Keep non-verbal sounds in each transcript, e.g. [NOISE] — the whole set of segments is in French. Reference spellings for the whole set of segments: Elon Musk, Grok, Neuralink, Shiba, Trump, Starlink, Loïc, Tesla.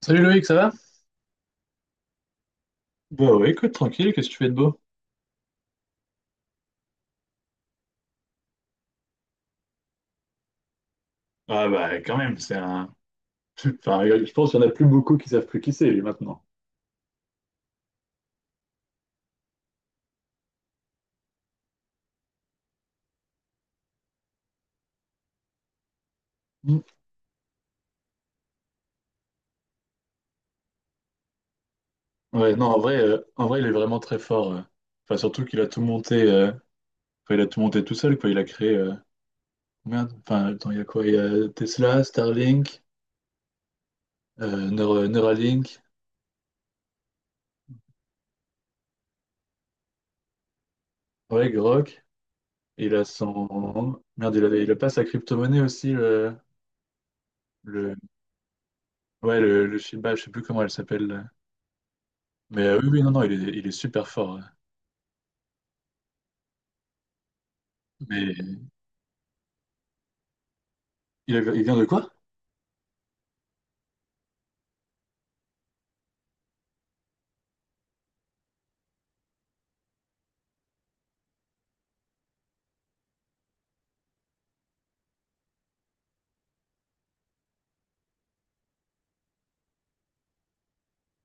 Salut Loïc, ça va? Bah ouais, écoute, tranquille, qu'est-ce que tu fais de beau? Ah bah quand même, c'est un... [LAUGHS] Enfin, je pense qu'il n'y en a plus beaucoup qui savent plus qui c'est, lui, maintenant. Mm. Ouais, non, en vrai, il est vraiment très fort. Enfin, surtout qu'il a tout monté, enfin, il a tout monté tout seul, quoi. Il a créé... Merde, enfin, attends, il y a quoi? Il y a Tesla, Starlink, Neuralink, ouais, Grok. Il a son... Merde, il a pas sa crypto-monnaie aussi, le... Ouais, le Shiba, je sais plus comment elle s'appelle là. Mais oui, oui, non, non, il est super fort. Mais... il vient de quoi?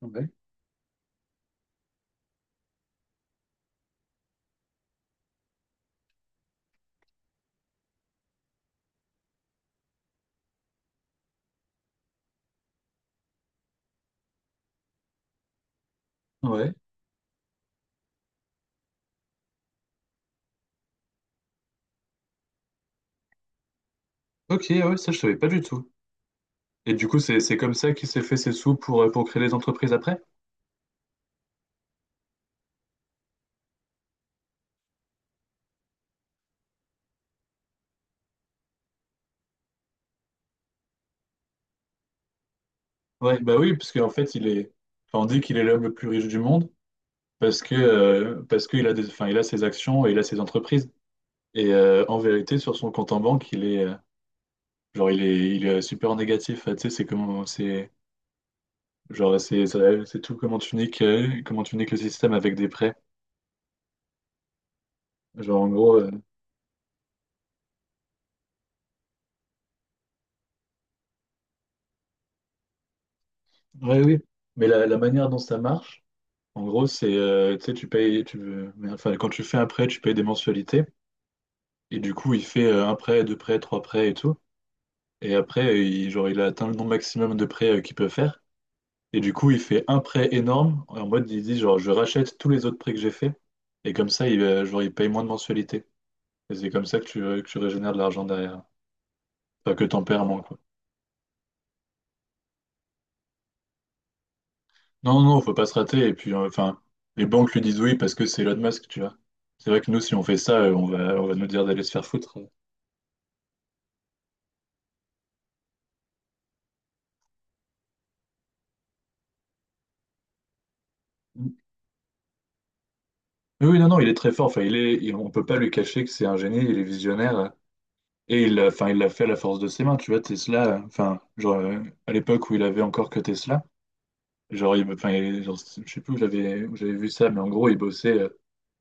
Ouais. Ouais. Ok, ouais, ça je savais pas du tout. Et du coup, c'est comme ça qu'il s'est fait ses sous pour créer des entreprises après? Ouais, bah oui, parce qu'en fait, il est. Enfin, on dit qu'il est l'homme le plus riche du monde parce que parce qu'il a des... enfin, il a ses actions et il a ses entreprises. Et en vérité, sur son compte en banque, il est genre il est super négatif. Ah, tu sais, c'est comment c'est, genre c'est c'est tout comment tu niques le système avec des prêts. Genre en gros, ouais, oui. Mais la manière dont ça marche. En gros, c'est, tu sais, tu payes, tu veux, mais enfin, quand tu fais un prêt, tu payes des mensualités. Et du coup, il fait un prêt, deux prêts, trois prêts et tout. Et après, genre, il a atteint le nombre maximum de prêts qu'il peut faire. Et du coup, il fait un prêt énorme. En mode, il dit, genre, je rachète tous les autres prêts que j'ai faits. Et comme ça, genre, il paye moins de mensualités. Et c'est comme ça que que tu régénères de l'argent derrière. Enfin, que t'en perds moins, quoi. Non, non, non, faut pas se rater. Et puis, enfin, les banques lui disent oui parce que c'est Elon Musk, tu vois. C'est vrai que nous, si on fait ça, on va nous dire d'aller se faire foutre. Oui, oui, non, non, il est très fort. Enfin, on peut pas lui cacher que c'est un génie, il est visionnaire. Et enfin, il l'a fait à la force de ses mains. Tu vois, Tesla, enfin, genre, à l'époque où il avait encore que Tesla, enfin, genre, je sais plus où j'avais vu ça, mais en gros, il bossait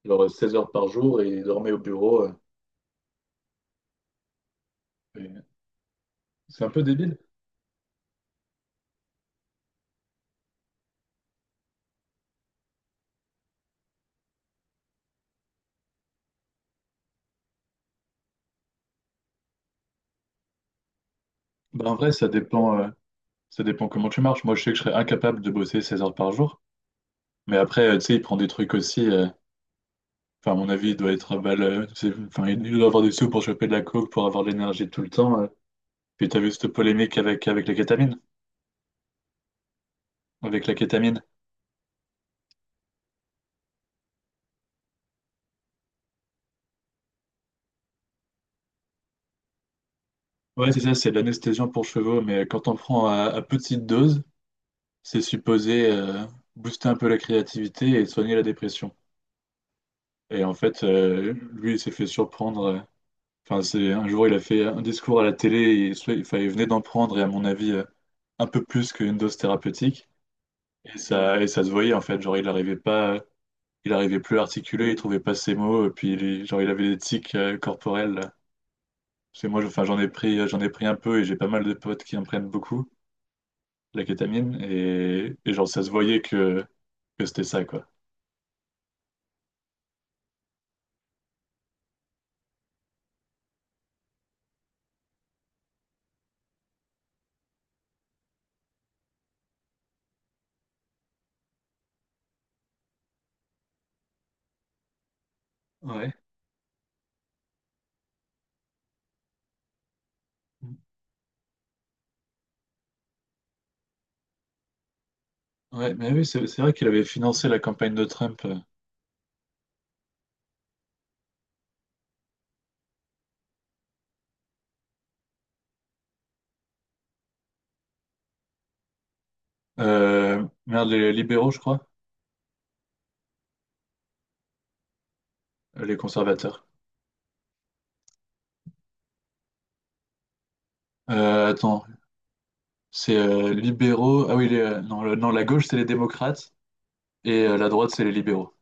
genre 16 heures par jour et il dormait au bureau. Et- c'est un peu débile. Ben, en vrai, ça dépend comment tu marches. Moi, je sais que je serais incapable de bosser 16 heures par jour. Mais après, tu sais, il prend des trucs aussi. Enfin, à mon avis, il doit être à balle. Enfin, il doit avoir des sous pour choper de la coke, pour avoir de l'énergie tout le temps. Puis t'as vu cette polémique avec la kétamine? Avec la kétamine. Ouais, c'est ça, c'est de l'anesthésiant pour chevaux, mais quand on prend à petite dose, c'est supposé booster un peu la créativité et soigner la dépression. Et en fait, lui, il s'est fait surprendre. Enfin, c'est un jour, il a fait un discours à la télé, et, enfin, il venait d'en prendre, et à mon avis, un peu plus qu'une dose thérapeutique. Et ça se voyait, en fait. Genre, il n'arrivait pas, il arrivait plus à articuler, il trouvait pas ses mots, et puis, genre, il avait des tics corporels. Parce que moi, enfin, j'en ai pris un peu et j'ai pas mal de potes qui en prennent beaucoup, la kétamine. Et genre, ça se voyait que c'était ça, quoi. Ouais. Ouais, mais oui, c'est vrai qu'il avait financé la campagne de Trump. Merde, les libéraux, je crois. Les conservateurs. Attends, c'est libéraux. Ah oui, non, non, la gauche, c'est les démocrates et la droite, c'est les libéraux.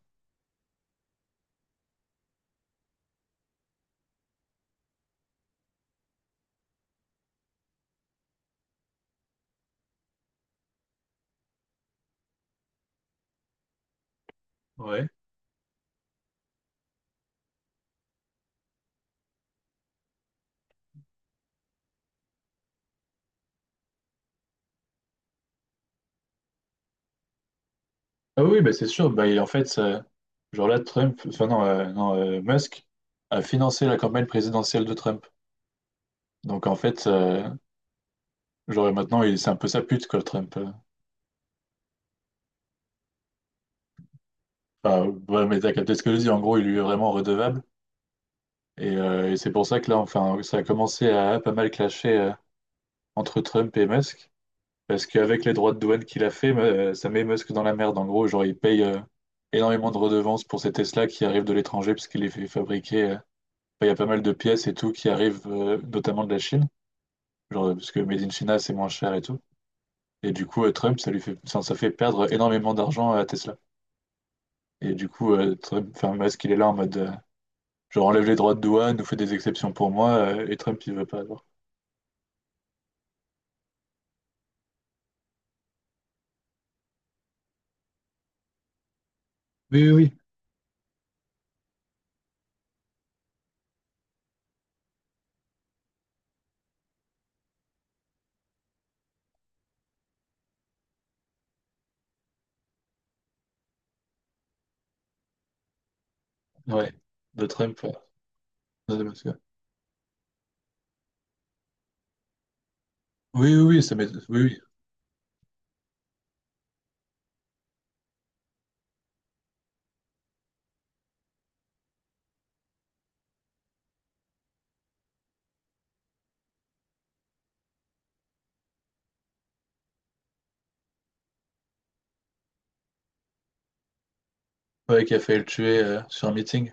Ouais. Ah oui, bah c'est sûr. Bah, et en fait, genre là, Trump, enfin non, non, Musk a financé la campagne présidentielle de Trump. Donc en fait, genre maintenant, c'est un peu sa pute, quoi, Trump. Enfin, ouais, mais t'as capté ce que je dis, en gros, il lui est vraiment redevable. Et c'est pour ça que là, enfin, ça a commencé à pas mal clasher entre Trump et Musk. Parce qu'avec les droits de douane qu'il a fait, ça met Musk dans la merde. En gros, genre, il paye énormément de redevances pour ces Tesla qui arrivent de l'étranger, parce qu'il les fait fabriquer. Enfin, il y a pas mal de pièces et tout qui arrivent notamment de la Chine. Genre, parce que Made in China, c'est moins cher et tout. Et du coup, Trump, ça lui fait, enfin, ça fait perdre énormément d'argent à Tesla. Et du coup, Trump, enfin, Musk, il est là en mode, genre, enlève les droits de douane, nous fait des exceptions pour moi, et Trump, il veut pas avoir. Oui, oui, oui. Ouais. De Trump, ouais. Non, de Musk, ouais. Oui, oui. Ouais, qui a failli le tuer sur un meeting.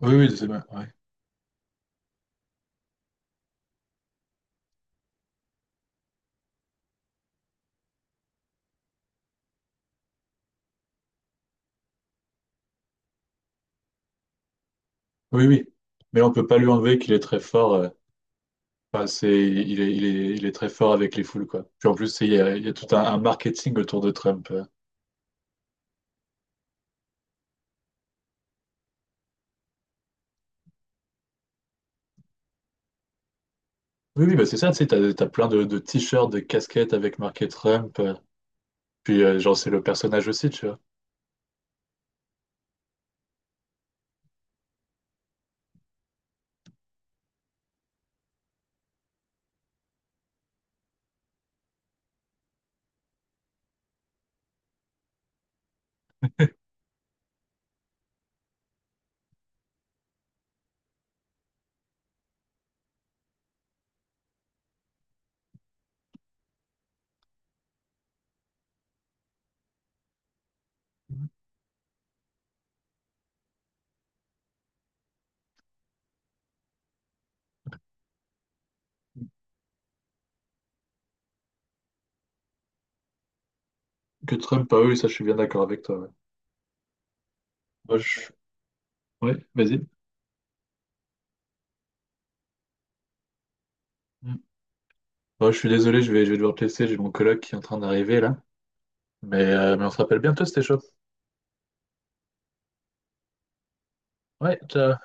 Oui, oui, c'est bien, ouais. Oui, oui. Mais on peut pas lui enlever qu'il est très fort. Enfin, c'est, il est très fort avec les foules, quoi. Puis en plus, il y a tout un marketing autour de Trump. Oui, oui, bah c'est ça, tu sais, t'as plein de t-shirts, de casquettes avec marqué Trump. Puis, genre, c'est le personnage aussi, tu vois. Que Trump, ah oui, ça, je suis bien d'accord avec toi. Ouais, moi, je... ouais, vas-y. Mm. Moi, je suis désolé, je vais devoir te laisser, j'ai mon coloc qui est en train d'arriver, là. Mais on se rappelle bientôt, c'était chaud. Ouais, ciao.